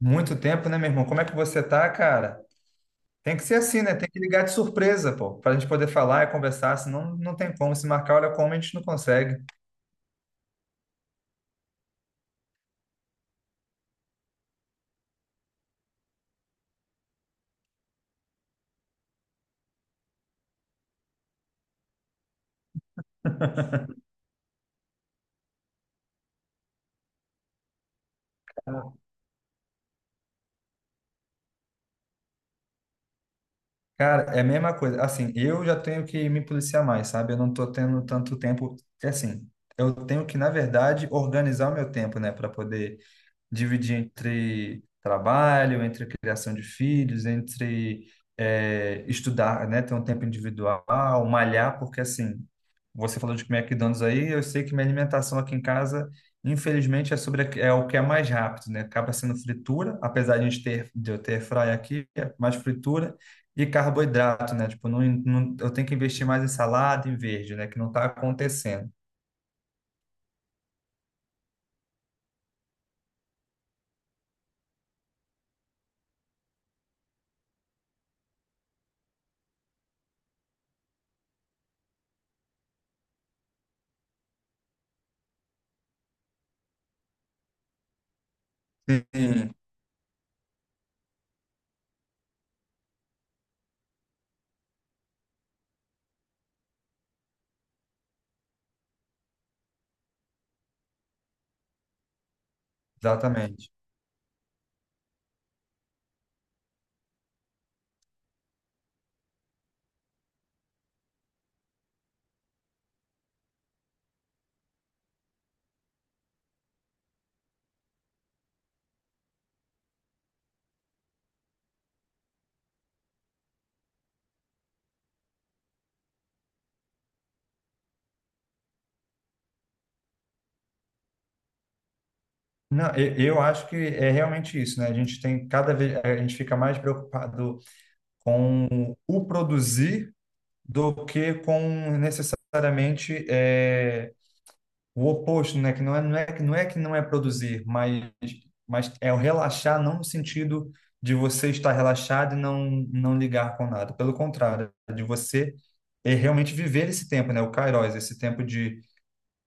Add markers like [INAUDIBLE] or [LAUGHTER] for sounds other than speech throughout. Muito tempo, né, meu irmão? Como é que você tá, cara? Tem que ser assim, né? Tem que ligar de surpresa, pô, pra gente poder falar e conversar, senão não tem como. Se marcar, olha como a gente não consegue. Cara, é a mesma coisa. Assim, eu já tenho que me policiar mais, sabe? Eu não tô tendo tanto tempo. É assim, eu tenho que, na verdade, organizar o meu tempo, né, para poder dividir entre trabalho, entre criação de filhos, entre estudar, né, ter um tempo individual, malhar, porque assim, você falou de McDonald's aí, eu sei que minha alimentação aqui em casa, infelizmente, é o que é mais rápido, né? Acaba sendo fritura, apesar de a gente ter de eu ter fry aqui, é mais fritura e carboidrato, né? Tipo, eu tenho que investir mais em salada, em verde, né? Que não está acontecendo. Sim. Exatamente. Não, eu acho que é realmente isso, né? A gente tem cada vez, a gente fica mais preocupado com o produzir do que com necessariamente o oposto, né? Que não é, não é, que- não é que não é produzir, mas é o relaxar, não no sentido de você estar relaxado e não, não ligar com nada. Pelo contrário, é de você realmente viver esse tempo, né? O Kairos, esse tempo de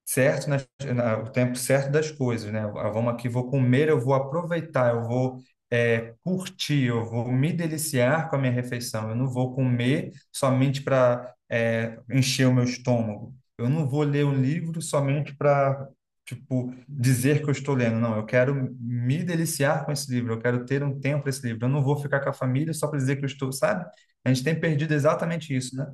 certo nas- o tempo certo das coisas, né? Ah, vamos aqui, vou comer, eu vou aproveitar, eu vou curtir, eu vou me deliciar com a minha refeição. Eu não vou comer somente para encher o meu estômago. Eu não vou ler um livro somente para tipo dizer que eu estou lendo. Não, eu quero me deliciar com esse livro. Eu quero ter um tempo para esse livro. Eu não vou ficar com a família só para dizer que eu estou, sabe? A gente tem perdido exatamente isso, né?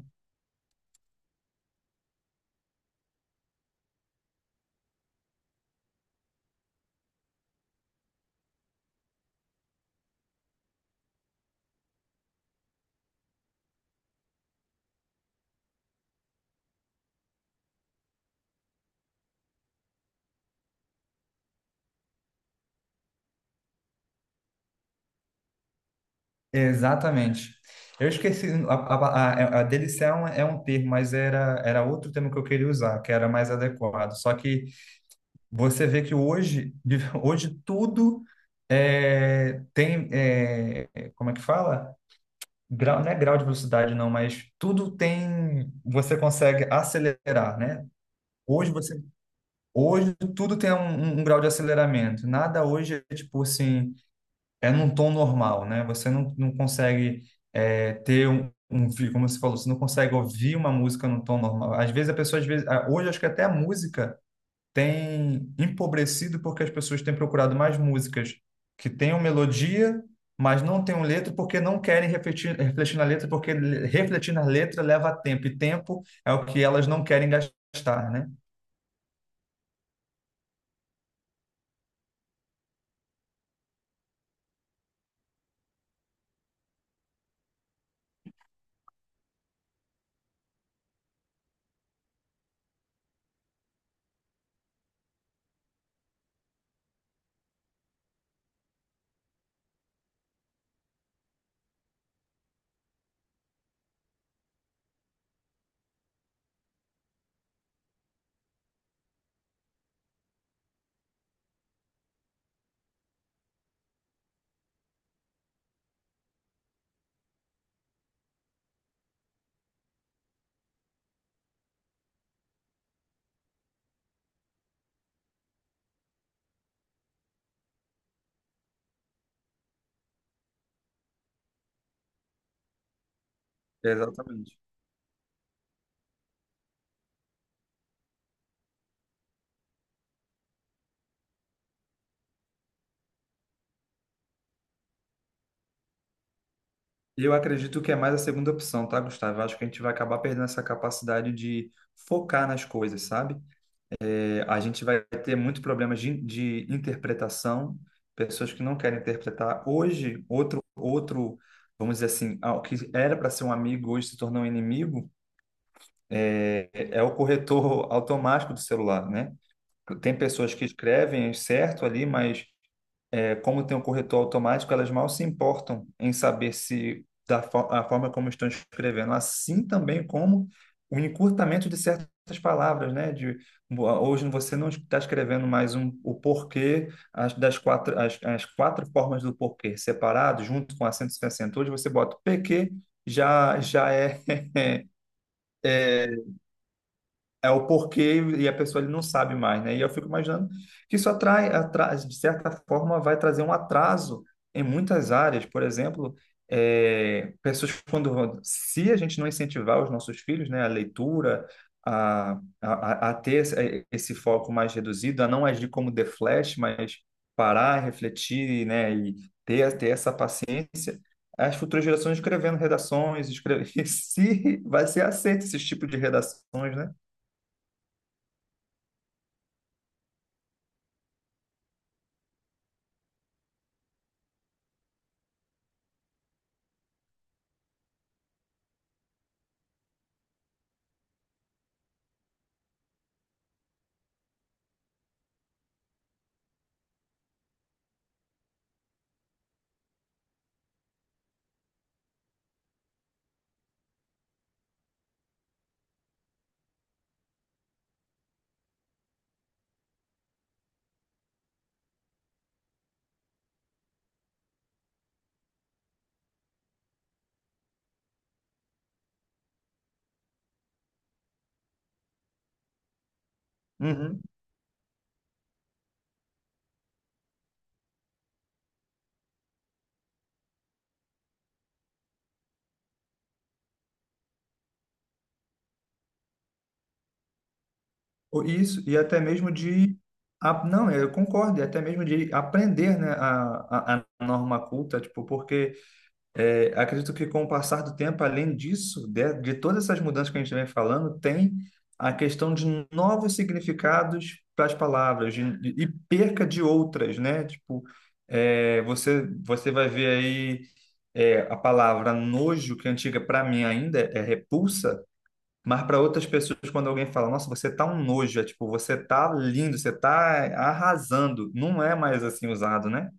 Exatamente. Eu esqueci, a delição é um termo, mas era outro termo que eu queria usar, que era mais adequado. Só que você vê que hoje, [LAUGHS] hoje tudo é, tem, é, como é que fala? Grau, não é grau de velocidade, não, mas tudo tem, você consegue acelerar, né? Hoje você, hoje tudo tem um, um grau de aceleramento. Nada hoje é tipo assim, é num tom normal, né? Você não, não consegue ter um, como você falou, você não consegue ouvir uma música num tom normal. Às vezes a pessoa, às vezes, ah, hoje acho que até a música tem empobrecido porque as pessoas têm procurado mais músicas que tenham melodia, mas não tenham letra porque não querem refletir, refletir na letra, porque refletir na letra leva tempo, e tempo é o que elas não querem gastar, né? Exatamente. Eu acredito que é mais a segunda opção, tá, Gustavo? Eu acho que a gente vai acabar perdendo essa capacidade de focar nas coisas, sabe? É, a gente vai ter muito problemas de interpretação, pessoas que não querem interpretar. Hoje, vamos dizer assim, ah, o que era para ser um amigo hoje se tornou um inimigo, é o corretor automático do celular, né? Tem pessoas que escrevem certo ali, mas é, como tem um corretor automático, elas mal se importam em saber se da fo- a forma como estão escrevendo, assim também como o encurtamento de certas palavras, né? De hoje você não está escrevendo mais o porquê as quatro formas do porquê separado, junto com acento e sem acento. Hoje você bota o PQ já já é é, é o porquê e a pessoa ele não sabe mais, né? E eu fico imaginando que isso de certa forma, vai trazer um atraso em muitas áreas. Por exemplo, pessoas se a gente não incentivar os nossos filhos, né, a leitura, a, a ter esse foco mais reduzido, a não agir como The Flash, mas parar, refletir, né, e ter essa paciência. As futuras gerações escrevendo redações, escreve... [LAUGHS] se vai ser aceito esse tipo de redações, né? Uhum. Isso, e até mesmo de. Não, eu concordo, e até mesmo de aprender, né, a norma culta, tipo, porque é, acredito que com o passar do tempo, além disso, de todas essas mudanças que a gente vem falando, tem a questão de novos significados para as palavras e perca de outras, né? Tipo, é, você vai ver aí é, a palavra nojo, que é antiga para mim ainda é repulsa. Mas para outras pessoas, quando alguém fala, nossa, você tá um nojo, é tipo, você tá lindo, você tá arrasando. Não é mais assim usado, né?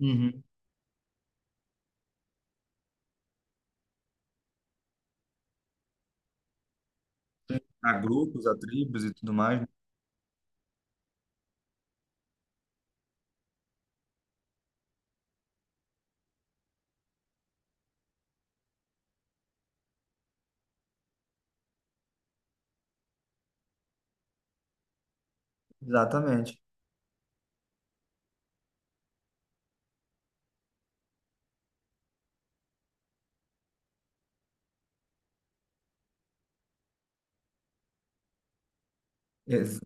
Uhum. A grupos, a tribos e tudo mais. Exatamente. Ex-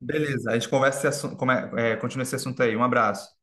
Beleza, a gente conversa esse assunto, continua esse assunto aí. Um abraço.